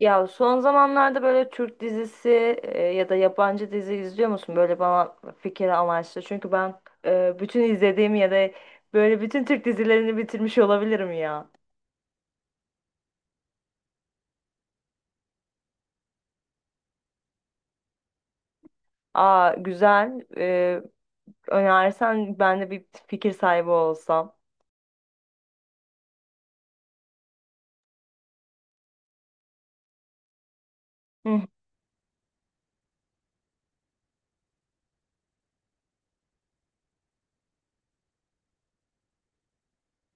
Ya son zamanlarda böyle Türk dizisi ya da yabancı dizi izliyor musun? Böyle bana fikir amaçlı. Çünkü ben bütün izlediğim ya da böyle bütün Türk dizilerini bitirmiş olabilirim ya. Aa güzel. Önersen ben de bir fikir sahibi olsam. Hı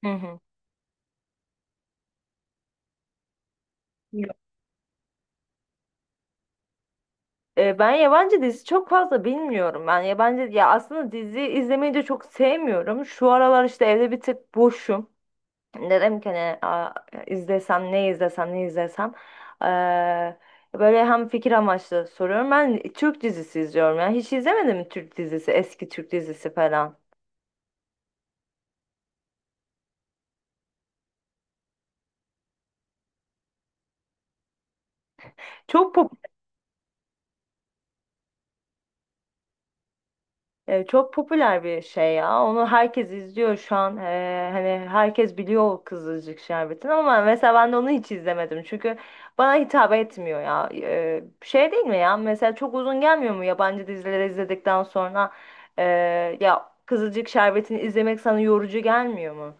hı hı. Yok. Ben yabancı dizi çok fazla bilmiyorum. Ben yabancı ya aslında dizi izlemeyi de çok sevmiyorum. Şu aralar işte evde bir tık boşum. Dedim ki hani "Aa, izlesem ne izlesem ne izlesem. Eee, Böyle hem fikir amaçlı soruyorum. Ben Türk dizisi izliyorum yani. Hiç izlemedim mi Türk dizisi? Eski Türk dizisi falan. Çok popüler. Çok popüler bir şey ya. Onu herkes izliyor şu an. Hani herkes biliyor o Kızılcık Şerbeti'ni ama mesela ben de onu hiç izlemedim. Çünkü bana hitap etmiyor ya. Şey değil mi ya? Mesela çok uzun gelmiyor mu yabancı dizileri izledikten sonra? E, Ya Kızılcık Şerbeti'ni izlemek sana yorucu gelmiyor mu?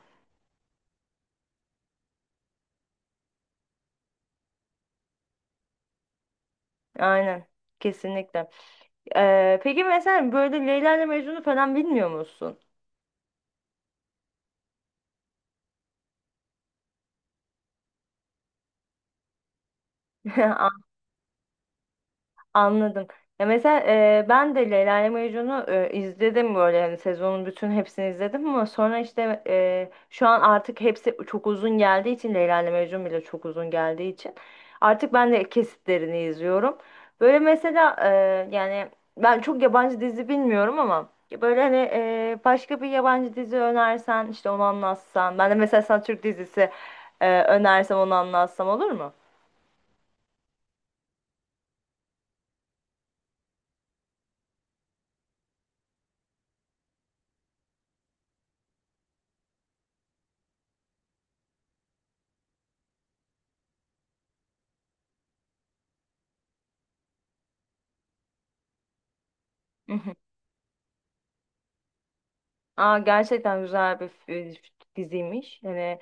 Aynen. Kesinlikle. Peki mesela böyle Leyla ile Mecnun'u falan bilmiyor musun? Anladım. Ya mesela ben de Leyla ile Mecnun'u izledim böyle yani sezonun bütün hepsini izledim ama sonra işte şu an artık hepsi çok uzun geldiği için Leyla ile Mecnun bile çok uzun geldiği için artık ben de kesitlerini izliyorum. Böyle mesela yani ben çok yabancı dizi bilmiyorum ama böyle hani başka bir yabancı dizi önersen işte onu anlatsan ben de mesela sana Türk dizisi önersem onu anlatsam olur mu? Aa, gerçekten güzel bir diziymiş. Hani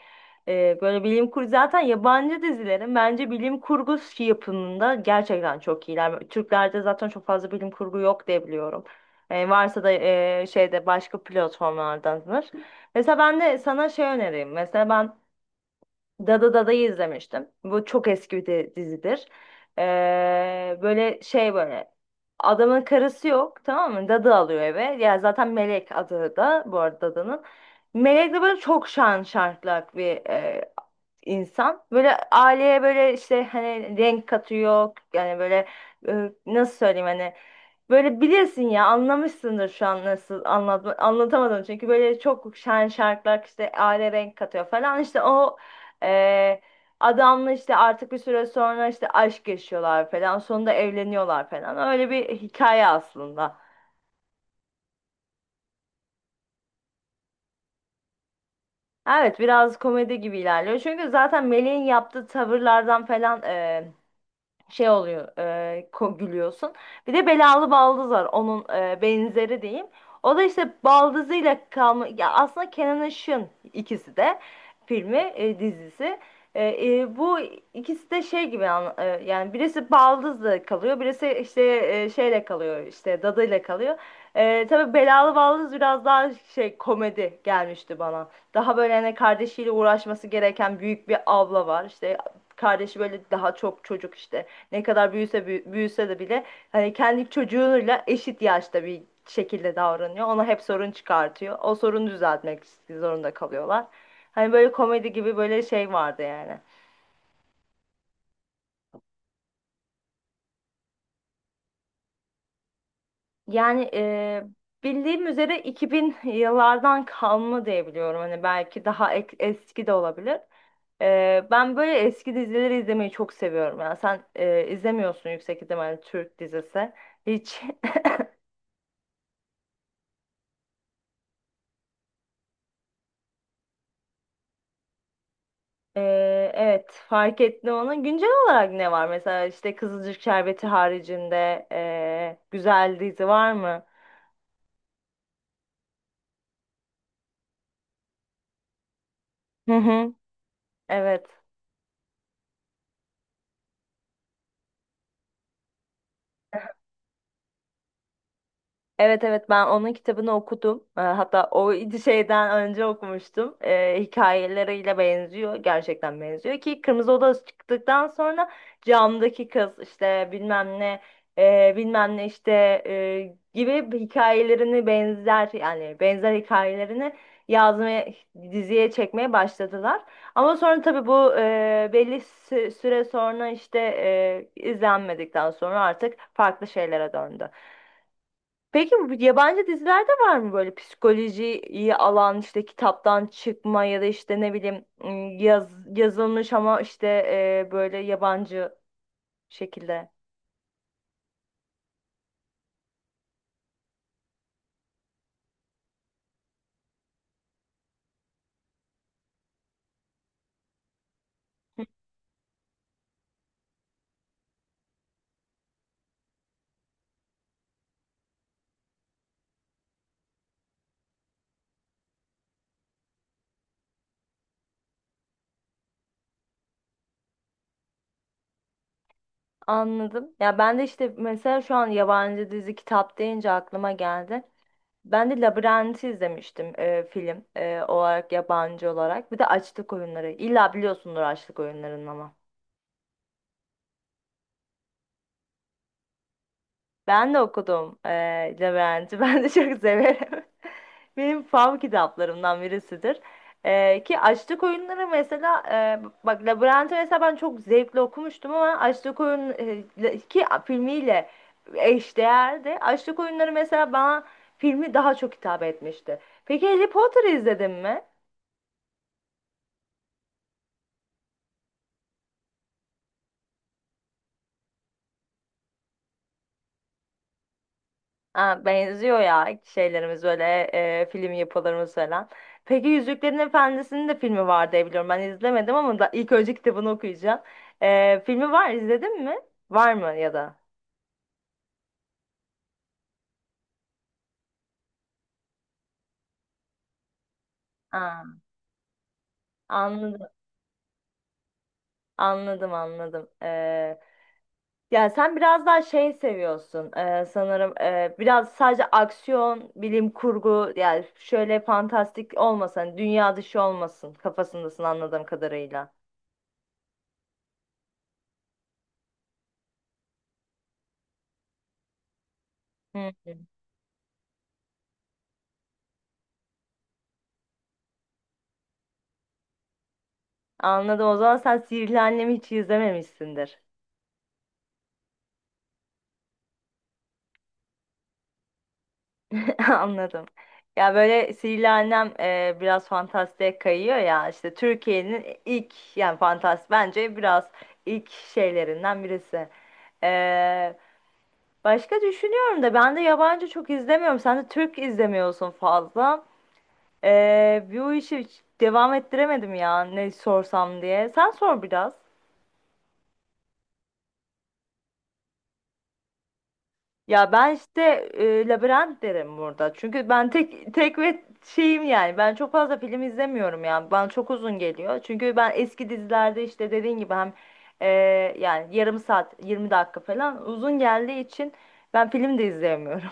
böyle bilim kurgu zaten yabancı dizilerin bence bilim kurgu yapımında gerçekten çok iyiler. Türklerde zaten çok fazla bilim kurgu yok diye biliyorum. Varsa da şeyde başka platformlardandır. Mesela ben de sana şey önereyim. Mesela ben Dada'yı izlemiştim. Bu çok eski bir dizidir. Böyle şey böyle adamın karısı yok tamam mı? Dadı alıyor eve. Ya zaten Melek adı da bu arada Dada'nın. Melek de böyle çok şan şartlak bir insan. Böyle aileye böyle işte hani renk katıyor. Yani böyle nasıl söyleyeyim hani böyle bilirsin ya anlamışsındır şu an nasıl anlatamadım. Çünkü böyle çok şen şarkılar işte aile renk katıyor falan. İşte o e, adamla işte artık bir süre sonra işte aşk yaşıyorlar falan. Sonunda evleniyorlar falan. Öyle bir hikaye aslında. Evet biraz komedi gibi ilerliyor. Çünkü zaten Melih'in yaptığı tavırlardan falan şey oluyor gülüyorsun. Bir de belalı baldız var onun benzeri diyeyim. O da işte baldızıyla kalma ya aslında Kenan Işık'ın ikisi de dizisi. Bu ikisi de şey gibi yani birisi baldızla kalıyor birisi işte şeyle kalıyor işte dadıyla kalıyor. Tabii belalı baldız biraz daha şey komedi gelmişti bana. Daha böyle hani kardeşiyle uğraşması gereken büyük bir abla var. İşte kardeşi böyle daha çok çocuk işte. Ne kadar büyüse de bile hani kendi çocuğuyla eşit yaşta bir şekilde davranıyor. Ona hep sorun çıkartıyor. O sorunu düzeltmek zorunda kalıyorlar. Hani böyle komedi gibi böyle şey vardı yani. Yani bildiğim üzere 2000 yıllardan kalma diye biliyorum. Hani belki daha eski de olabilir. Ben böyle eski dizileri izlemeyi çok seviyorum. Yani sen izlemiyorsun yüksek ihtimalle Türk dizisi. Hiç Evet, fark ettim onu. Güncel olarak ne var? Mesela işte Kızılcık Şerbeti haricinde güzel dizi var mı? Hı hı. Evet. Evet, evet, ben onun kitabını okudum. Hatta o şeyden önce okumuştum. Hikayeleriyle benziyor. Gerçekten benziyor ki Kırmızı Oda çıktıktan sonra camdaki kız işte bilmem ne bilmem ne işte gibi hikayelerini benzer yani benzer hikayelerini yazmaya diziye çekmeye başladılar. Ama sonra tabii bu belli süre sonra işte izlenmedikten sonra artık farklı şeylere döndü. Peki bu yabancı dizilerde var mı böyle psikolojiyi alan işte kitaptan çıkma ya da işte ne bileyim yazılmış ama işte böyle yabancı şekilde. Anladım. Ya ben de işte mesela şu an yabancı dizi kitap deyince aklıma geldi. Ben de Labirent'i izlemiştim film olarak yabancı olarak. Bir de Açlık Oyunları. İlla biliyorsundur Açlık Oyunları'nı ama. Ben de okudum Labirent'i. Ben de çok severim. Benim fav kitaplarımdan birisidir. Ki Açlık Oyunları mesela bak Labirent'i mesela ben çok zevkle okumuştum ama ki filmiyle eşdeğerdi. Açlık Oyunları mesela bana filmi daha çok hitap etmişti. Peki Harry Potter'ı izledin mi? Ha, benziyor ya şeylerimiz böyle film yapılarımız falan. Peki Yüzüklerin Efendisi'nin de filmi var diye biliyorum. Ben izlemedim ama da ilk önce kitabını okuyacağım. Filmi var izledin mi? Var mı ya da? Ha, anladım, anladım, anladım. Ya sen biraz daha şey seviyorsun sanırım biraz sadece aksiyon, bilim kurgu yani şöyle fantastik olmasın, hani dünya dışı olmasın kafasındasın anladığım kadarıyla. Hı. Anladım. O zaman sen Sihirli Annem'i hiç izlememişsindir. Anladım. Ya böyle Sihirli Annem biraz fantastiğe kayıyor ya. İşte Türkiye'nin ilk yani bence biraz ilk şeylerinden birisi. E, Başka düşünüyorum da ben de yabancı çok izlemiyorum. Sen de Türk izlemiyorsun fazla. Bu işi hiç devam ettiremedim ya ne sorsam diye. Sen sor biraz. Ya ben işte Labirent derim burada. Çünkü ben tek tek ve şeyim yani. Ben çok fazla film izlemiyorum yani. Bana çok uzun geliyor. Çünkü ben eski dizilerde işte dediğin gibi hem e, yani yarım saat 20 dakika falan uzun geldiği için ben film de izleyemiyorum.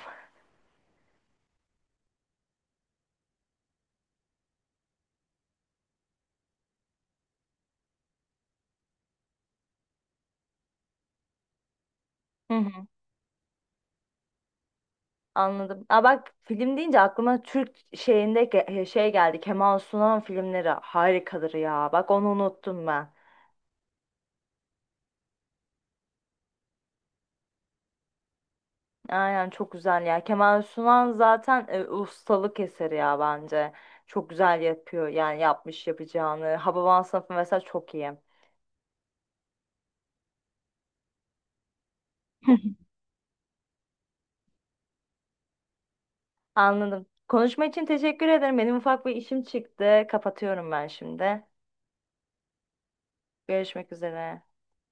Hı hı. Anladım. Aa bak film deyince aklıma Türk şeyinde şey geldi. Kemal Sunal filmleri harikadır ya. Bak onu unuttum ben. Aynen çok güzel ya. Kemal Sunal zaten ustalık eseri ya bence. Çok güzel yapıyor yani yapmış yapacağını. Hababam Sınıfı mesela çok iyi. Anladım. Konuşma için teşekkür ederim. Benim ufak bir işim çıktı. Kapatıyorum ben şimdi. Görüşmek üzere.